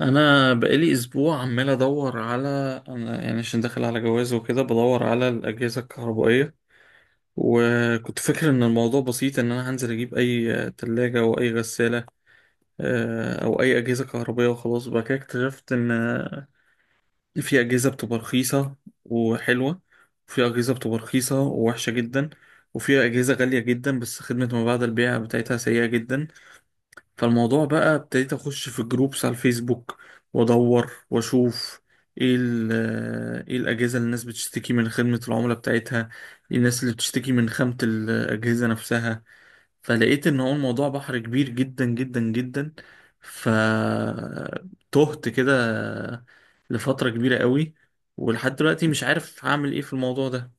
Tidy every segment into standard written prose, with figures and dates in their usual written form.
انا بقالي اسبوع عمال ادور على. انا يعني عشان داخل على جواز وكده بدور على الاجهزه الكهربائيه. وكنت فاكر ان الموضوع بسيط، ان انا هنزل اجيب اي تلاجة او اي غساله، او اي اجهزه كهربائيه وخلاص بقى كده. اكتشفت ان في اجهزه بتبقى رخيصه وحلوه، وفي اجهزه بتبقى رخيصه ووحشه جدا، وفي اجهزه غاليه جدا بس خدمه ما بعد البيع بتاعتها سيئه جدا. فالموضوع بقى ابتديت اخش في جروبس على الفيسبوك وادور واشوف ايه ال- آه، ايه الاجهزه اللي الناس بتشتكي من خدمه العملاء بتاعتها، إيه الناس اللي بتشتكي من خامه الاجهزه نفسها. فلقيت ان هو الموضوع بحر كبير جدا جدا جدا. فتهت كده لفتره كبيره قوي، ولحد دلوقتي مش عارف هعمل ايه في الموضوع ده.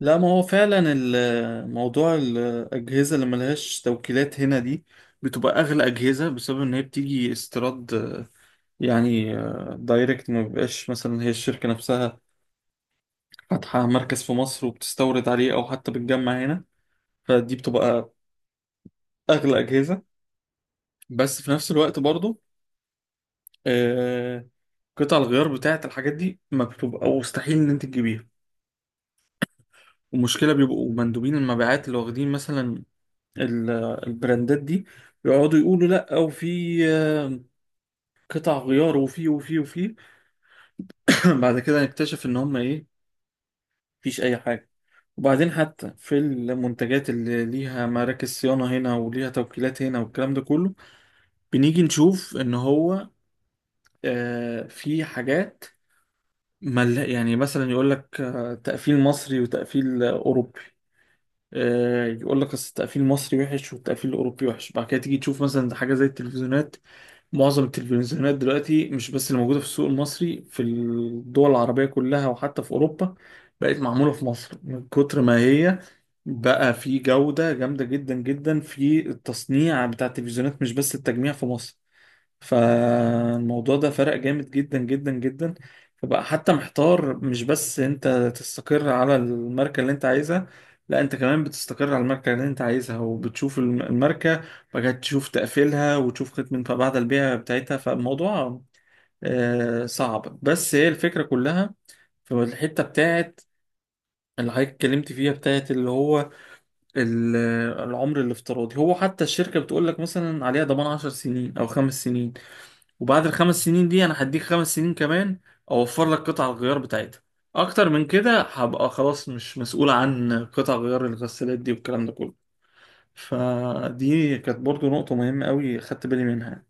لا، ما هو فعلا موضوع الأجهزة اللي ملهاش توكيلات هنا دي بتبقى أغلى أجهزة، بسبب إن هي بتيجي استيراد، يعني دايركت، ما بيبقاش مثلا هي الشركة نفسها فاتحة مركز في مصر وبتستورد عليه، أو حتى بتجمع هنا. فدي بتبقى أغلى أجهزة. بس في نفس الوقت برضو، آه، قطع الغيار بتاعة الحاجات دي ما بتبقى مستحيل إن أنت تجيبيها. ومشكلة، بيبقوا مندوبين المبيعات اللي واخدين مثلا ال- البراندات دي يقعدوا يقولوا لا، وفي آه، قطع غيار، وفي. بعد كده نكتشف ان هم ايه؟ مفيش اي حاجه. وبعدين حتى في المنتجات اللي ليها مراكز صيانه هنا وليها توكيلات هنا والكلام ده كله، بنيجي نشوف ان هو في حاجات. يعني مثلا يقول لك تقفيل مصري وتقفيل اوروبي. يقول لك اصل التقفيل المصري وحش والتقفيل الاوروبي وحش. بعد كده تيجي تشوف مثلا حاجه زي التلفزيونات. معظم التلفزيونات دلوقتي، مش بس اللي موجوده في السوق المصري، في الدول العربيه كلها وحتى في اوروبا، بقت معموله في مصر. من كتر ما هي بقى في جوده جامده جدا جدا في التصنيع بتاع التلفزيونات، مش بس التجميع في مصر. فالموضوع ده فرق جامد جدا جدا جدا. فبقى حتى محتار. مش بس انت تستقر على الماركة اللي انت عايزها، لا، انت كمان بتستقر على الماركة اللي انت عايزها وبتشوف الماركة بقى، تشوف تقفيلها وتشوف خدمة ما بعد البيع بتاعتها. فالموضوع صعب، بس هي الفكرة كلها في الحتة بتاعت اللي حضرتك اتكلمت فيها، بتاعت اللي هو ال- العمر الافتراضي. هو حتى الشركة بتقول لك مثلا عليها ضمان 10 سنين او 5 سنين، وبعد الخمس سنين دي انا هديك 5 سنين كمان، اوفر لك قطع الغيار بتاعتها. اكتر من كده هبقى خلاص مش مسؤول عن قطع غيار الغسالات دي والكلام ده كله. فدي كانت برضو نقطة مهمة قوي خدت بالي منها يعني.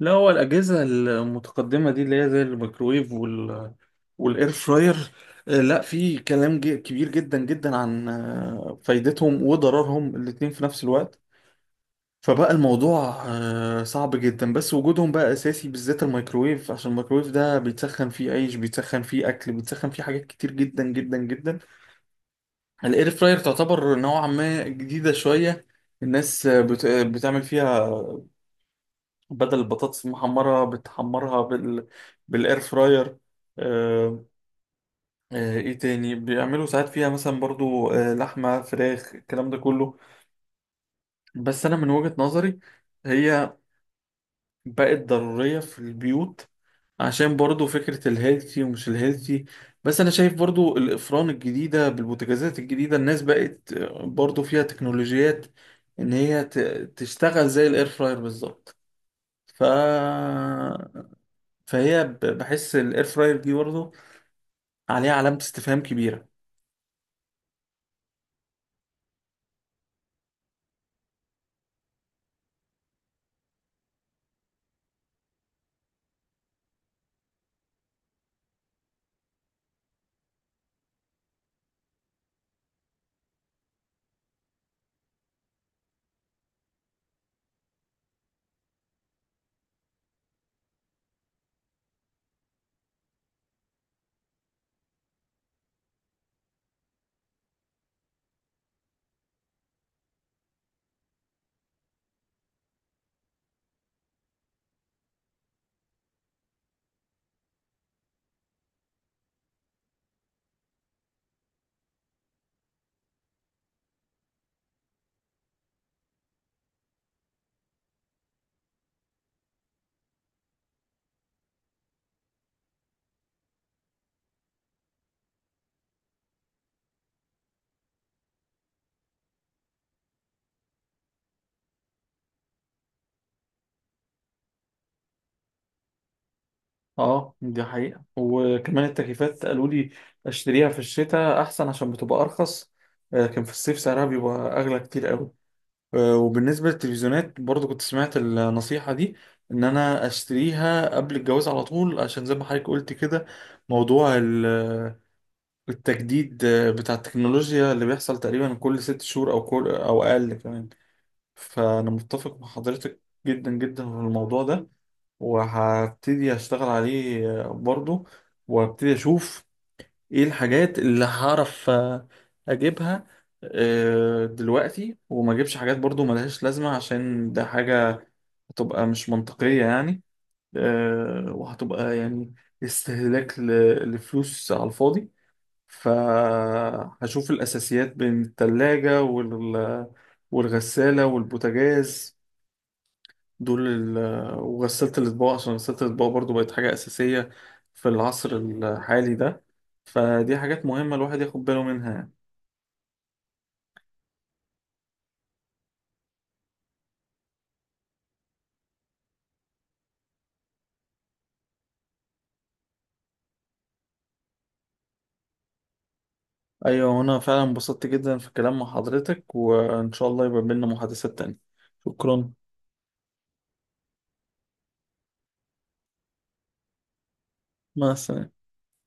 لا، هو الأجهزة المتقدمة دي اللي هي زي الميكرويف والإير فراير، لا، في كلام كبير جدا جدا عن فايدتهم وضررهم الاتنين في نفس الوقت. فبقى الموضوع صعب جدا. بس وجودهم بقى اساسي، بالذات الميكروويف، عشان الميكروويف ده بيتسخن فيه عيش، بيتسخن فيه اكل، بيتسخن فيه حاجات كتير جدا جدا جدا. الاير فراير تعتبر نوعا ما جديده شويه. الناس آه، بت... آه، بتعمل فيها، بدل البطاطس المحمره بتحمرها بالاير فراير. آه، ايه تاني بيعملوا ساعات فيها مثلا برضو لحمه فراخ الكلام ده كله. بس انا من وجهة نظري هي بقت ضرورية في البيوت، عشان برضو فكرة الهيلثي ومش الهيلثي. بس أنا شايف برضو الأفران الجديدة بالبوتاجازات الجديدة، الناس بقت برضو فيها تكنولوجيات إن هي تشتغل زي الإير فراير بالظبط. ف... فهي، بحس الإير فراير دي برضو عليها علامة استفهام كبيرة. اه، دي حقيقة. وكمان التكييفات قالوا لي اشتريها في الشتاء أحسن عشان بتبقى أرخص. كان في الصيف سعرها بيبقى أغلى كتير أوي. وبالنسبة للتلفزيونات برضو كنت سمعت النصيحة دي، إن أنا أشتريها قبل الجواز على طول، عشان زي ما حضرتك قلت كده، موضوع التجديد بتاع التكنولوجيا اللي بيحصل تقريبا كل 6 شهور أو كل أو أقل كمان. فأنا متفق مع حضرتك جدا جدا في الموضوع ده، وهبتدي أشتغل عليه برضو. وابتدي أشوف ايه الحاجات اللي هعرف اجيبها دلوقتي، وما اجيبش حاجات برضو ملهاش لازمة، عشان ده حاجة هتبقى مش منطقية يعني. وهتبقى يعني استهلاك لفلوس على الفاضي. فهشوف الأساسيات بين التلاجة والغسالة والبوتاجاز دول، وغسالة الأطباق، عشان غسالة الأطباق برضو بقت حاجة أساسية في العصر الحالي ده. فدي حاجات مهمة الواحد ياخد باله منها يعني. ايوه، وانا فعلا انبسطت جدا في الكلام مع حضرتك، وان شاء الله يبقى بينا محادثات تانية. شكرا. مع السلامة.